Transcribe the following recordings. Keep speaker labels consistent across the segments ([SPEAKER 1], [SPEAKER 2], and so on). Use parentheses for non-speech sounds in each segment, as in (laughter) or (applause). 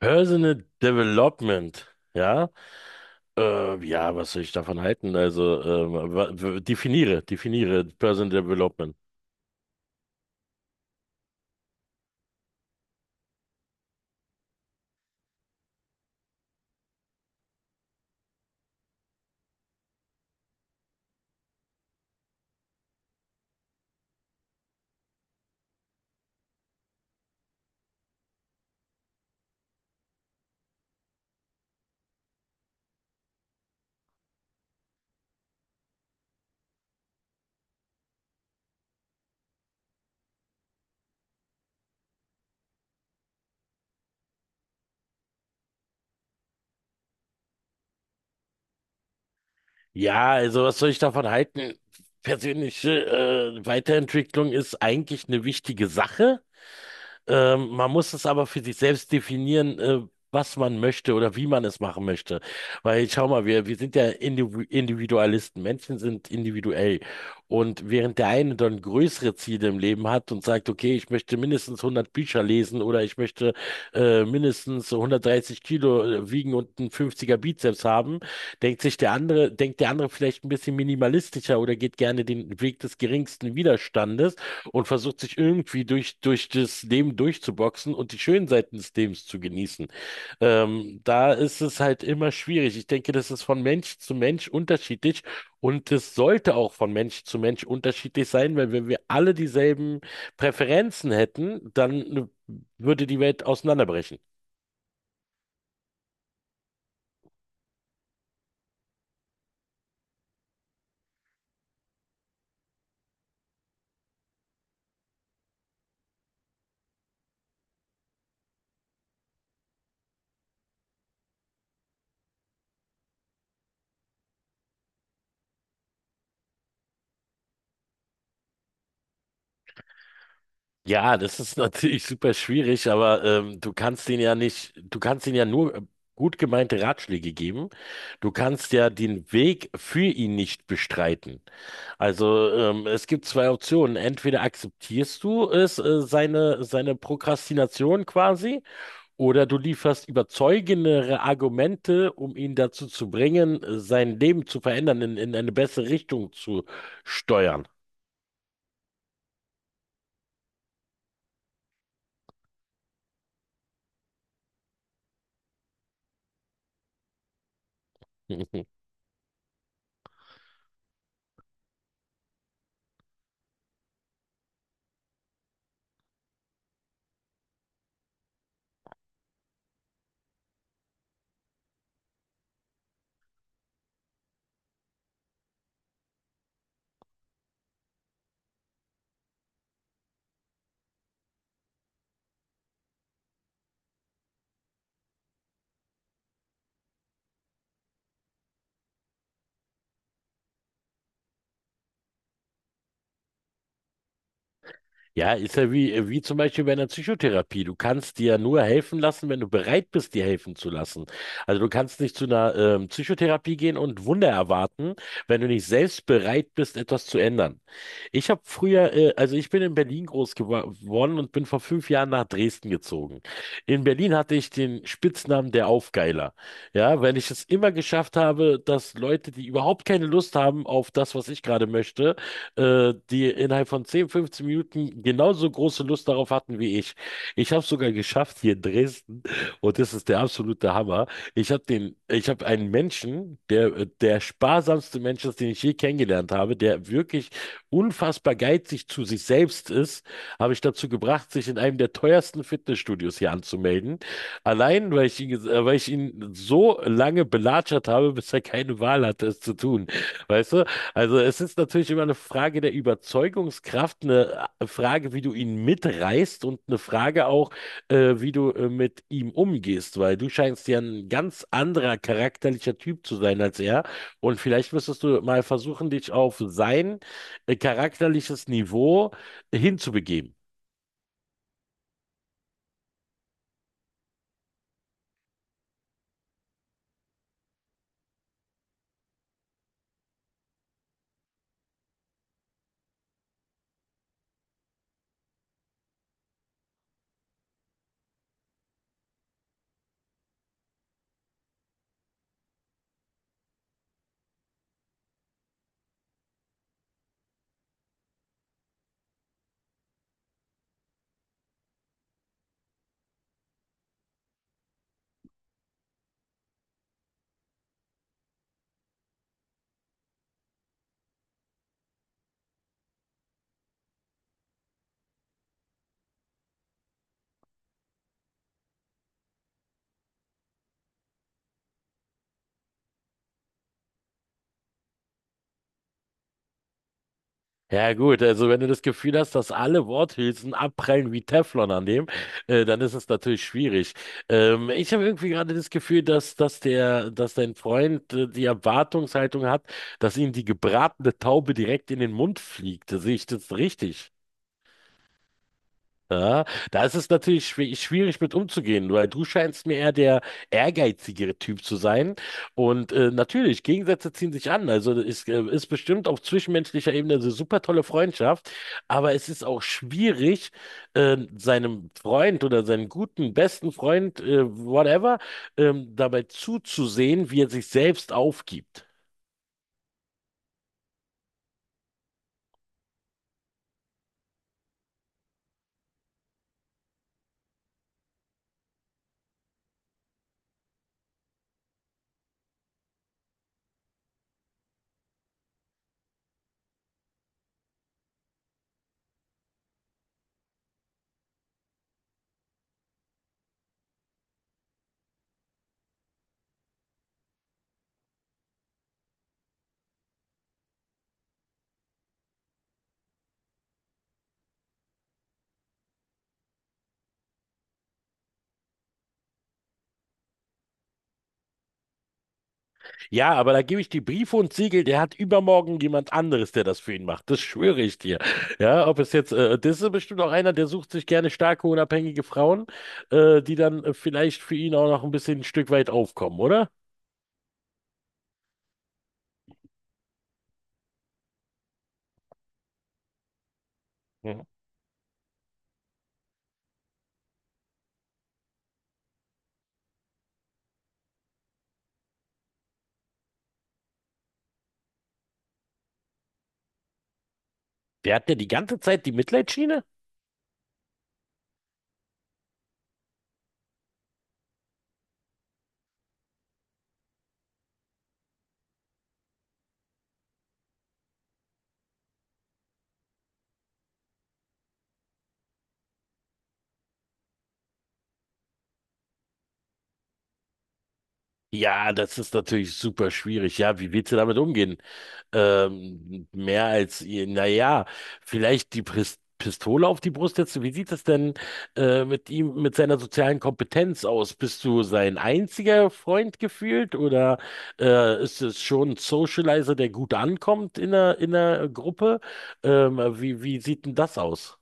[SPEAKER 1] Personal Development, ja? Ja, was soll ich davon halten? Also, definiere Personal Development. Ja, also, was soll ich davon halten? Persönliche Weiterentwicklung ist eigentlich eine wichtige Sache. Man muss es aber für sich selbst definieren, was man möchte oder wie man es machen möchte. Weil schau mal, wir sind ja Individualisten. Menschen sind individuell. Und während der eine dann größere Ziele im Leben hat und sagt, okay, ich möchte mindestens 100 Bücher lesen oder ich möchte mindestens 130 Kilo wiegen und einen 50er Bizeps haben, denkt der andere vielleicht ein bisschen minimalistischer oder geht gerne den Weg des geringsten Widerstandes und versucht sich irgendwie durch das Leben durchzuboxen und die schönen Seiten des Lebens zu genießen. Da ist es halt immer schwierig. Ich denke, das ist von Mensch zu Mensch unterschiedlich und das sollte auch von Mensch zu Mensch unterschiedlich sein, weil wenn wir alle dieselben Präferenzen hätten, dann würde die Welt auseinanderbrechen. Ja, das ist (laughs) natürlich super schwierig, aber du kannst denen ja nicht, du kannst denen ja nur gut gemeinte Ratschläge geben. Du kannst ja den Weg für ihn nicht bestreiten. Also es gibt zwei Optionen. Entweder akzeptierst du es, seine Prokrastination quasi, oder du lieferst überzeugendere Argumente, um ihn dazu zu bringen, sein Leben zu verändern, in eine bessere Richtung zu steuern. (laughs) Ja, ist ja wie zum Beispiel bei einer Psychotherapie. Du kannst dir ja nur helfen lassen, wenn du bereit bist, dir helfen zu lassen. Also du kannst nicht zu einer Psychotherapie gehen und Wunder erwarten, wenn du nicht selbst bereit bist, etwas zu ändern. Ich habe früher, also ich bin in Berlin groß geworden und bin vor 5 Jahren nach Dresden gezogen. In Berlin hatte ich den Spitznamen der Aufgeiler. Ja, weil ich es immer geschafft habe, dass Leute, die überhaupt keine Lust haben auf das, was ich gerade möchte, die innerhalb von 10, 15 Minuten genauso große Lust darauf hatten wie ich. Ich habe es sogar geschafft hier in Dresden und das ist der absolute Hammer. Ich habe ich habe einen Menschen, der sparsamste Mensch ist, den ich je kennengelernt habe, der wirklich unfassbar geizig zu sich selbst ist, habe ich dazu gebracht, sich in einem der teuersten Fitnessstudios hier anzumelden. Allein, weil ich ihn so lange belatschert habe, bis er keine Wahl hatte, es zu tun. Weißt du? Also es ist natürlich immer eine Frage der Überzeugungskraft, eine Frage, wie du ihn mitreißt und eine Frage auch, wie du mit ihm umgehst, weil du scheinst ja ein ganz anderer charakterlicher Typ zu sein als er. Und vielleicht müsstest du mal versuchen, dich auf sein charakterliches Niveau hinzubegeben. Ja gut, also wenn du das Gefühl hast, dass alle Worthülsen abprallen wie Teflon an dem, dann ist es natürlich schwierig. Ich habe irgendwie gerade das Gefühl, dass dein Freund die Erwartungshaltung hat, dass ihm die gebratene Taube direkt in den Mund fliegt. Sehe ich das richtig? Ja, da ist es natürlich schwierig mit umzugehen, weil du scheinst mir eher der ehrgeizigere Typ zu sein. Und natürlich, Gegensätze ziehen sich an. Also es ist bestimmt auf zwischenmenschlicher Ebene eine super tolle Freundschaft, aber es ist auch schwierig, seinem Freund oder seinem guten, besten Freund, whatever, dabei zuzusehen, wie er sich selbst aufgibt. Ja, aber da gebe ich die Briefe und Siegel, der hat übermorgen jemand anderes, der das für ihn macht. Das schwöre ich dir. Ja, ob es jetzt, das ist bestimmt auch einer, der sucht sich gerne starke, unabhängige Frauen, die dann vielleicht für ihn auch noch ein bisschen ein Stück weit aufkommen, oder? Mhm. Der hat ja die ganze Zeit die Mitleidsschiene? Ja, das ist natürlich super schwierig. Ja, wie willst du damit umgehen? Mehr als, naja, vielleicht die Pistole auf die Brust setzen. Wie sieht es denn mit ihm, mit seiner sozialen Kompetenz aus? Bist du sein einziger Freund gefühlt oder ist es schon ein Socializer, der gut ankommt in der Gruppe? Wie sieht denn das aus?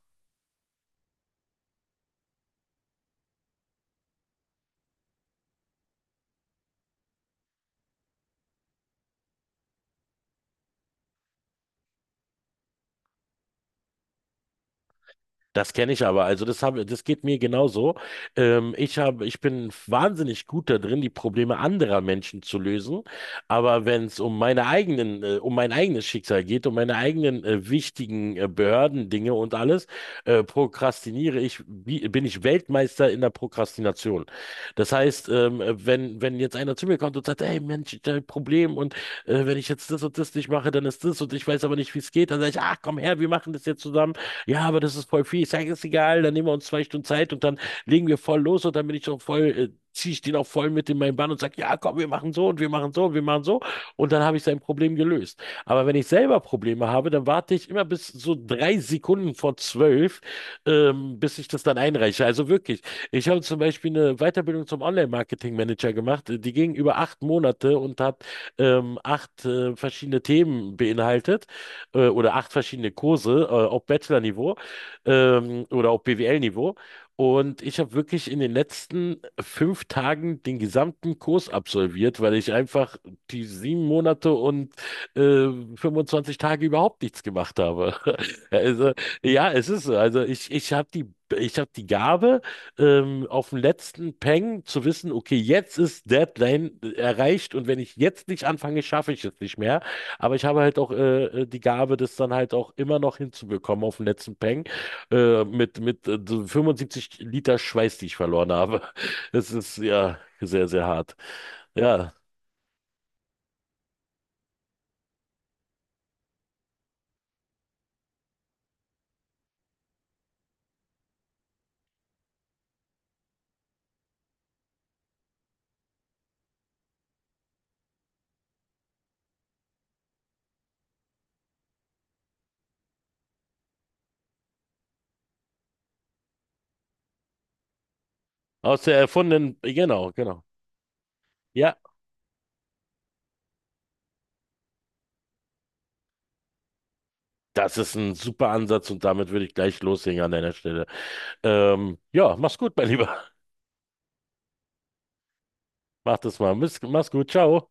[SPEAKER 1] Das kenne ich aber. Also das geht mir genauso. Ich bin wahnsinnig gut da drin, die Probleme anderer Menschen zu lösen. Aber wenn es um meine eigenen, um mein eigenes Schicksal geht, um meine eigenen wichtigen Behördendinge und alles, prokrastiniere ich, bin ich Weltmeister in der Prokrastination. Das heißt, wenn jetzt einer zu mir kommt und sagt, hey Mensch, ich habe ein Problem und wenn ich jetzt das und das nicht mache, dann ist das und ich weiß aber nicht, wie es geht. Dann sage ich, ach komm her, wir machen das jetzt zusammen. Ja, aber das ist voll viel. Ich sage, ist egal, dann nehmen wir uns 2 Stunden Zeit und dann legen wir voll los und dann bin ich schon voll, ziehe ich den auch voll mit in meinen Bann und sage, ja, komm, wir machen so und wir machen so und wir machen so. Und dann habe ich sein Problem gelöst. Aber wenn ich selber Probleme habe, dann warte ich immer bis so drei Sekunden vor zwölf, bis ich das dann einreiche. Also wirklich, ich habe zum Beispiel eine Weiterbildung zum Online-Marketing-Manager gemacht. Die ging über 8 Monate und hat acht verschiedene Themen beinhaltet oder acht verschiedene Kurse, auf Bachelor-Niveau oder auf BWL-Niveau. Und ich habe wirklich in den letzten 5 Tagen den gesamten Kurs absolviert, weil ich einfach die 7 Monate und äh, 25 Tage überhaupt nichts gemacht habe. (laughs) Also, ja, es ist so. Also ich habe die Gabe, auf dem letzten Peng zu wissen, okay, jetzt ist Deadline erreicht und wenn ich jetzt nicht anfange, schaffe ich es nicht mehr. Aber ich habe halt auch die Gabe, das dann halt auch immer noch hinzubekommen auf den letzten Peng mit so 75 Liter Schweiß, die ich verloren habe. (laughs) Das ist ja sehr, sehr hart. Ja, aus der erfundenen, genau, genau. Ja, das ist ein super Ansatz und damit würde ich gleich loslegen an deiner Stelle. Ja, mach's gut, mein Lieber. Mach das mal. Mach's gut. Ciao.